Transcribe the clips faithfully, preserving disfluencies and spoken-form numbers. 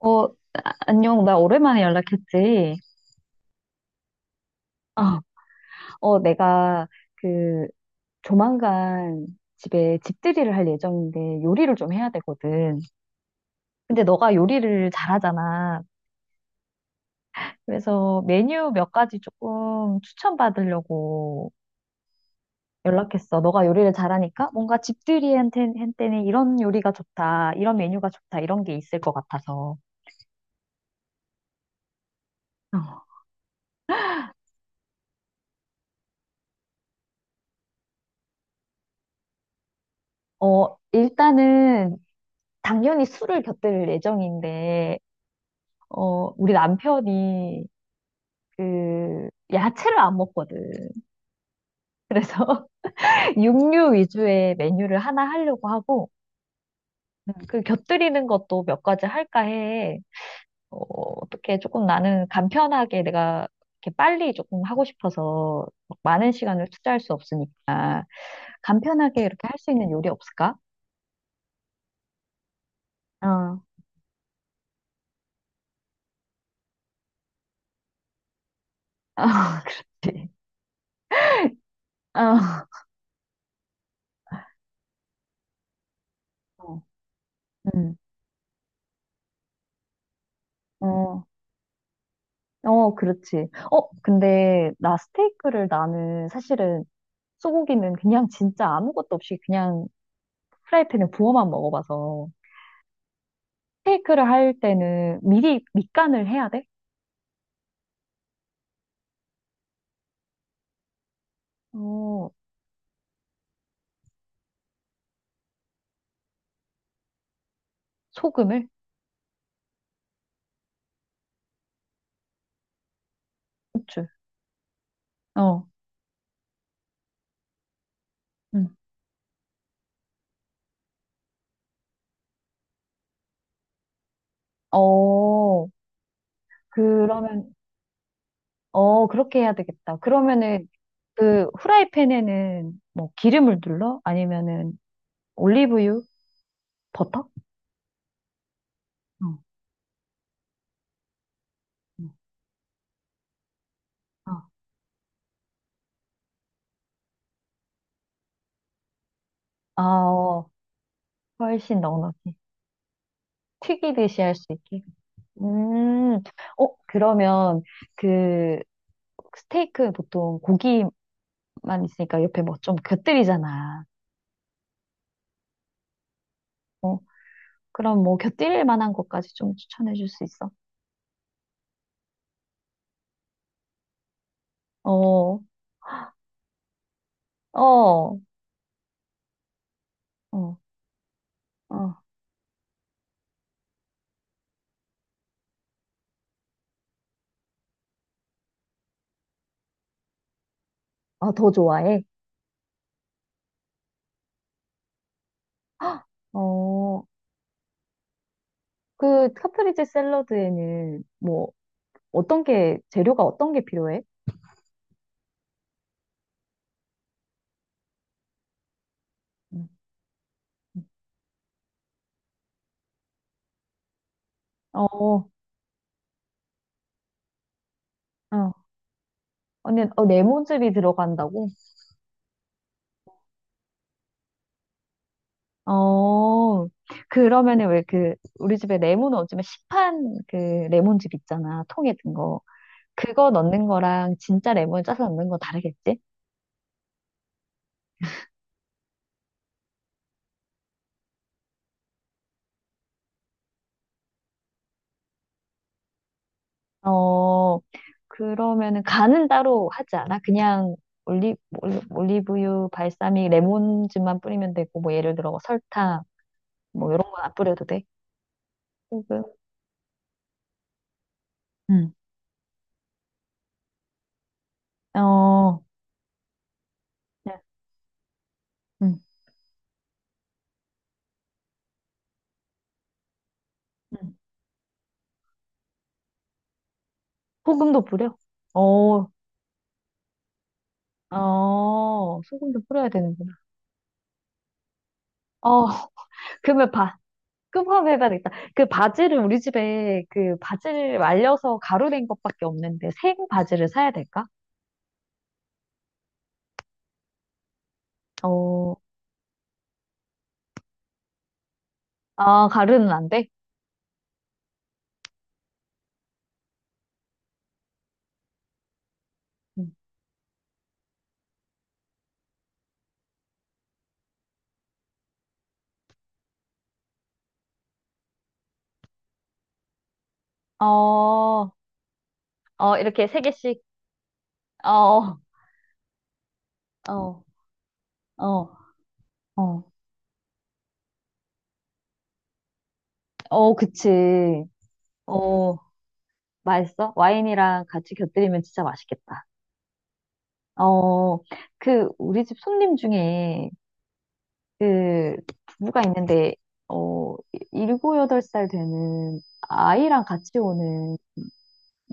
어, 안녕. 나 오랜만에 연락했지. 아, 어, 내가 그 조만간 집에 집들이를 할 예정인데 요리를 좀 해야 되거든. 근데 너가 요리를 잘하잖아. 그래서 메뉴 몇 가지 조금 추천받으려고 연락했어. 너가 요리를 잘하니까 뭔가 집들이한테 한테는 이런 요리가 좋다, 이런 메뉴가 좋다, 이런 게 있을 것 같아서. 어, 어, 일단은 당연히 술을 곁들일 예정인데 어, 우리 남편이 그 야채를 안 먹거든. 그래서 육류 위주의 메뉴를 하나 하려고 하고 그 곁들이는 것도 몇 가지 할까 해. 어, 어떻게 조금 나는 간편하게 내가 이렇게 빨리 조금 하고 싶어서 막 많은 시간을 투자할 수 없으니까 간편하게 이렇게 할 수 있는 요리 없을까? 어, 어, 그렇지. 어, 어, 음, 어. 어, 그렇지. 어, 근데 나 스테이크를 나는 사실은 소고기는 그냥 진짜 아무것도 없이 그냥 프라이팬에 부어만 먹어봐서 스테이크를 할 때는 미리 밑간을 해야 돼? 어, 소금을? 후추. 어, 응. 어, 그러면, 어, 그렇게 해야 되겠다. 그러면은 그 후라이팬에는 뭐 기름을 둘러? 아니면은 올리브유? 버터? 어, 응. 어. 아, 어, 훨씬 넉넉히. 튀기듯이 할 수 있게. 음, 어, 그러면 그 스테이크 보통 고기만 있으니까 옆에 뭐 좀 곁들이잖아. 어, 그럼 뭐 곁들일 만한 것까지 좀 추천해 줄 수 있어? 어, 어, 어, 어. 아, 더 좋아해? 어, 그 카프리제 샐러드에는 뭐 어떤 게, 재료가 어떤 게 필요해? 음, 음. 어, 어. 언니, 어, 레몬즙이 들어간다고? 어, 그러면은 왜 그, 우리 집에 레몬은 어쩌면 시판 그 레몬즙 있잖아. 통에 든 거. 그거 넣는 거랑 진짜 레몬 짜서 넣는 거 다르겠지? 어, 그러면은 간은 따로 하지 않아? 그냥 올리, 올리- 올리브유, 발사믹, 레몬즙만 뿌리면 되고, 뭐 예를 들어 뭐 설탕, 뭐 이런 건 안 뿌려도 돼? 소금. 응. 어, 네. 응. 응. 소금도 뿌려? 어, 어, 소금도 뿌려야 되는구나. 어, 그러면 봐. 끔화배반 있다. 그 바지를 우리 집에 그 바지를 말려서 가루된 것밖에 없는데 생 바지를 사야 될까? 어, 아, 가루는 안 돼? 음. 어, 어, 이렇게 세 개씩. 어, 어, 어, 어, 어, 그치. 어, 맛있어? 와인이랑 같이 곁들이면 진짜 맛있겠다. 어, 그 우리 집 손님 중에 그 부부가 있는데 어, 일곱 여덟 살 되는 아이랑 같이 오는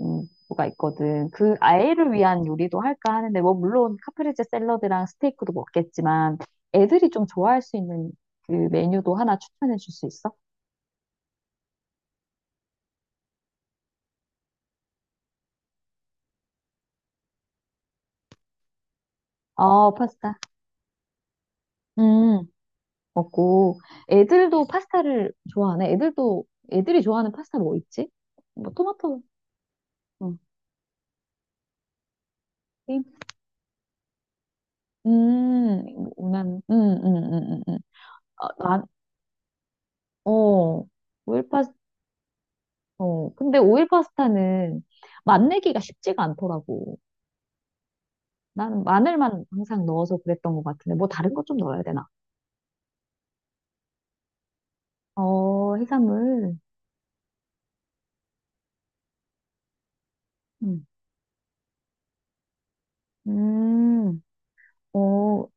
음, 뭐가 있거든. 그 아이를 위한 요리도 할까 하는데, 뭐, 물론 카프레제 샐러드랑 스테이크도 먹겠지만, 애들이 좀 좋아할 수 있는 그 메뉴도 하나 추천해 줄 수 있어? 어, 파스타. 음, 먹고. 애들도 파스타를 좋아하네. 애들도, 애들이 좋아하는 파스타 뭐 있지? 뭐, 토마토. 음, 음, 난, 음, 음, 음, 음. 음. 어, 난, 어, 오일 파스타, 어. 근데 오일 파스타는 맛내기가 쉽지가 않더라고. 나는 마늘만 항상 넣어서 그랬던 것 같은데, 뭐 다른 것 좀 넣어야 되나? 어, 해산물. 음. 음, 어,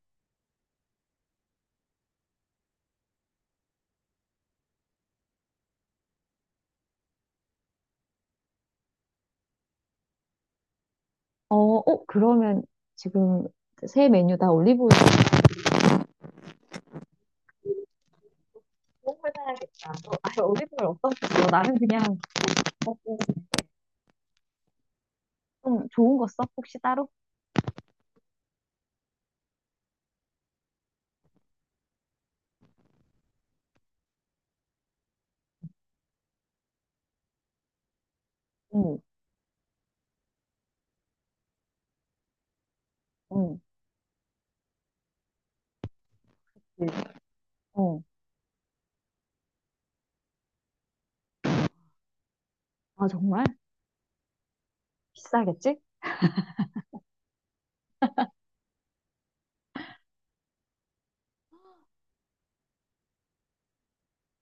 어, 어, 그러면 지금 새 메뉴 다 올리브오일 좋은 걸 사야겠다. 너, 아, 올리브오일 어떤 거 써? 나는 그냥 먹고 좀 좋은 거 써? 혹시 따로? 응, 응, 네. 어. 아, 정말? 비싸겠지?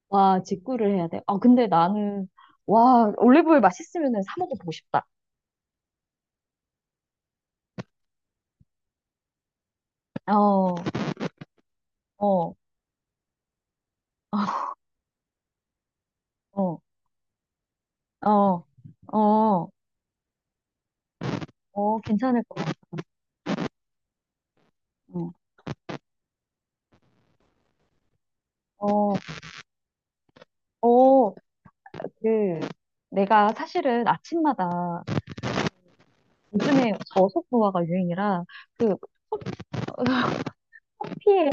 와, 직구를 해야 돼. 아, 근데 나는, 와, 올리브오일 맛있으면 사 먹어보고 싶다. 어, 어, 어, 어, 어. 어, 괜찮을 것 같아. 어, 어, 그, 내가 사실은 아침마다 요즘에 저속노화가 유행이라 그 커피에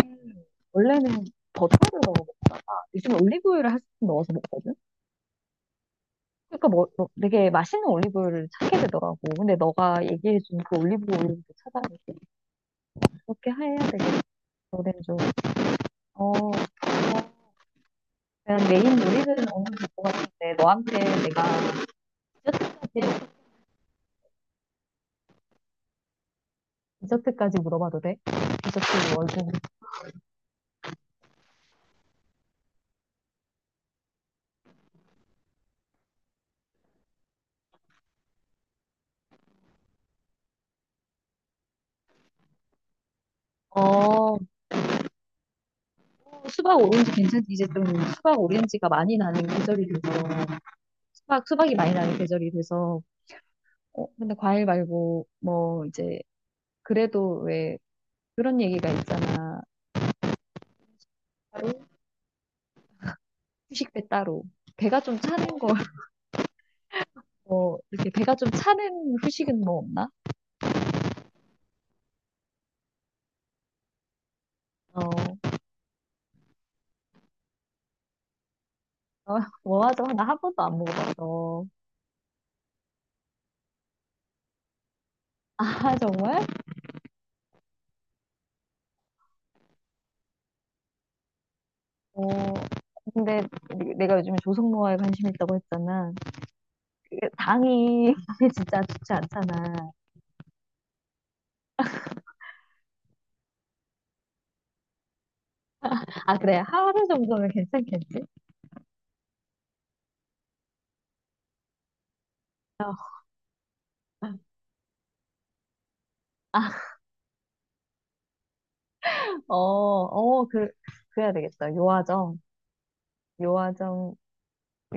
원래는 버터를 넣어. 먹어. 요즘 올리브유를 한 스푼 넣어서 먹거든? 그러니까 뭐, 뭐 되게 맛있는 올리브유를 찾게 되더라고. 근데 너가 얘기해준 그 올리브 오일도 찾아볼 그렇게 해야 되겠어, 렌좀. 어, 어, 그냥 메인 요리는 어느 정도 될것 같은데, 너한테 내가 디저트까지 물어봐도 돼? 디저트 월드. 어, 어, 수박 오렌지 괜찮지? 이제 좀 수박 오렌지가 많이 나는 계절이 돼서, 수박, 수박이 많이 나는 계절이 돼서, 어, 근데 과일 말고, 뭐, 이제, 그래도 왜, 그런 얘기가 있잖아. 따로, 후식 배 따로. 배가 좀 차는 거, 뭐, 이렇게 배가 좀 차는 후식은 뭐 없나? 어, 어, 뭐 하죠? 나 한 번도 안 먹어봐서. 아, 정말? 어, 근데 내가 요즘에 조성모아에 관심 있다고 했잖아. 이게 당이 진짜 좋지 않잖아. 아, 그래. 하루 정도면 괜찮겠지? 어, 아, 어, 어, 그, 그래야 되겠다. 요아정. 요아정,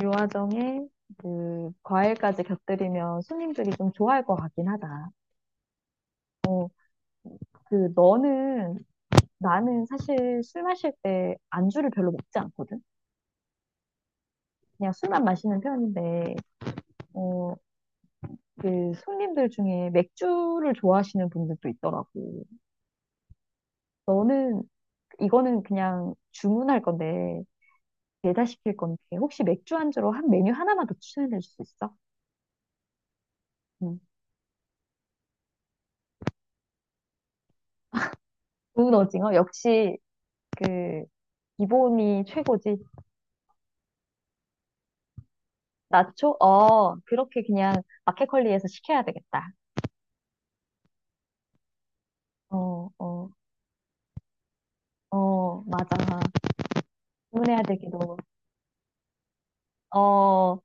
요아정에 그 과일까지 곁들이면 손님들이 좀 좋아할 것 같긴 하다. 어, 그 너는 나는 사실 술 마실 때 안주를 별로 먹지 않거든. 그냥 술만 마시는 편인데 어, 그 손님들 중에 맥주를 좋아하시는 분들도 있더라고. 너는 이거는 그냥 주문할 건데 배달시킬 건데 혹시 맥주 안주로 한 메뉴 하나만 더 추천해 줄 수 있어? 음. 구운 오징어 역시 그 기본이 최고지. 나초? 어, 그렇게 그냥 마켓컬리에서 시켜야 되겠다. 어, 어, 어, 맞아. 주문해야 되기도. 어,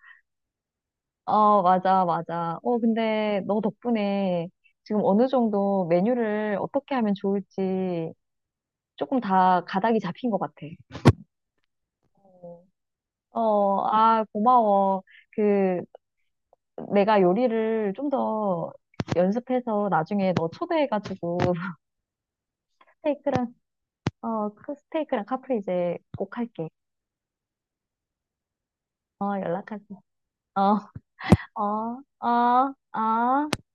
어, 맞아, 맞아. 어, 근데 너 덕분에 지금 어느 정도 메뉴를 어떻게 하면 좋을지 조금 다 가닥이 잡힌 것 같아. 어, 어, 아, 고마워. 그, 내가 요리를 좀 더 연습해서 나중에 너 초대해가지고 스테이크랑 어, 그 스테이크랑 카프리제 꼭 할게. 어, 연락할게. 어, 어, 어, 어.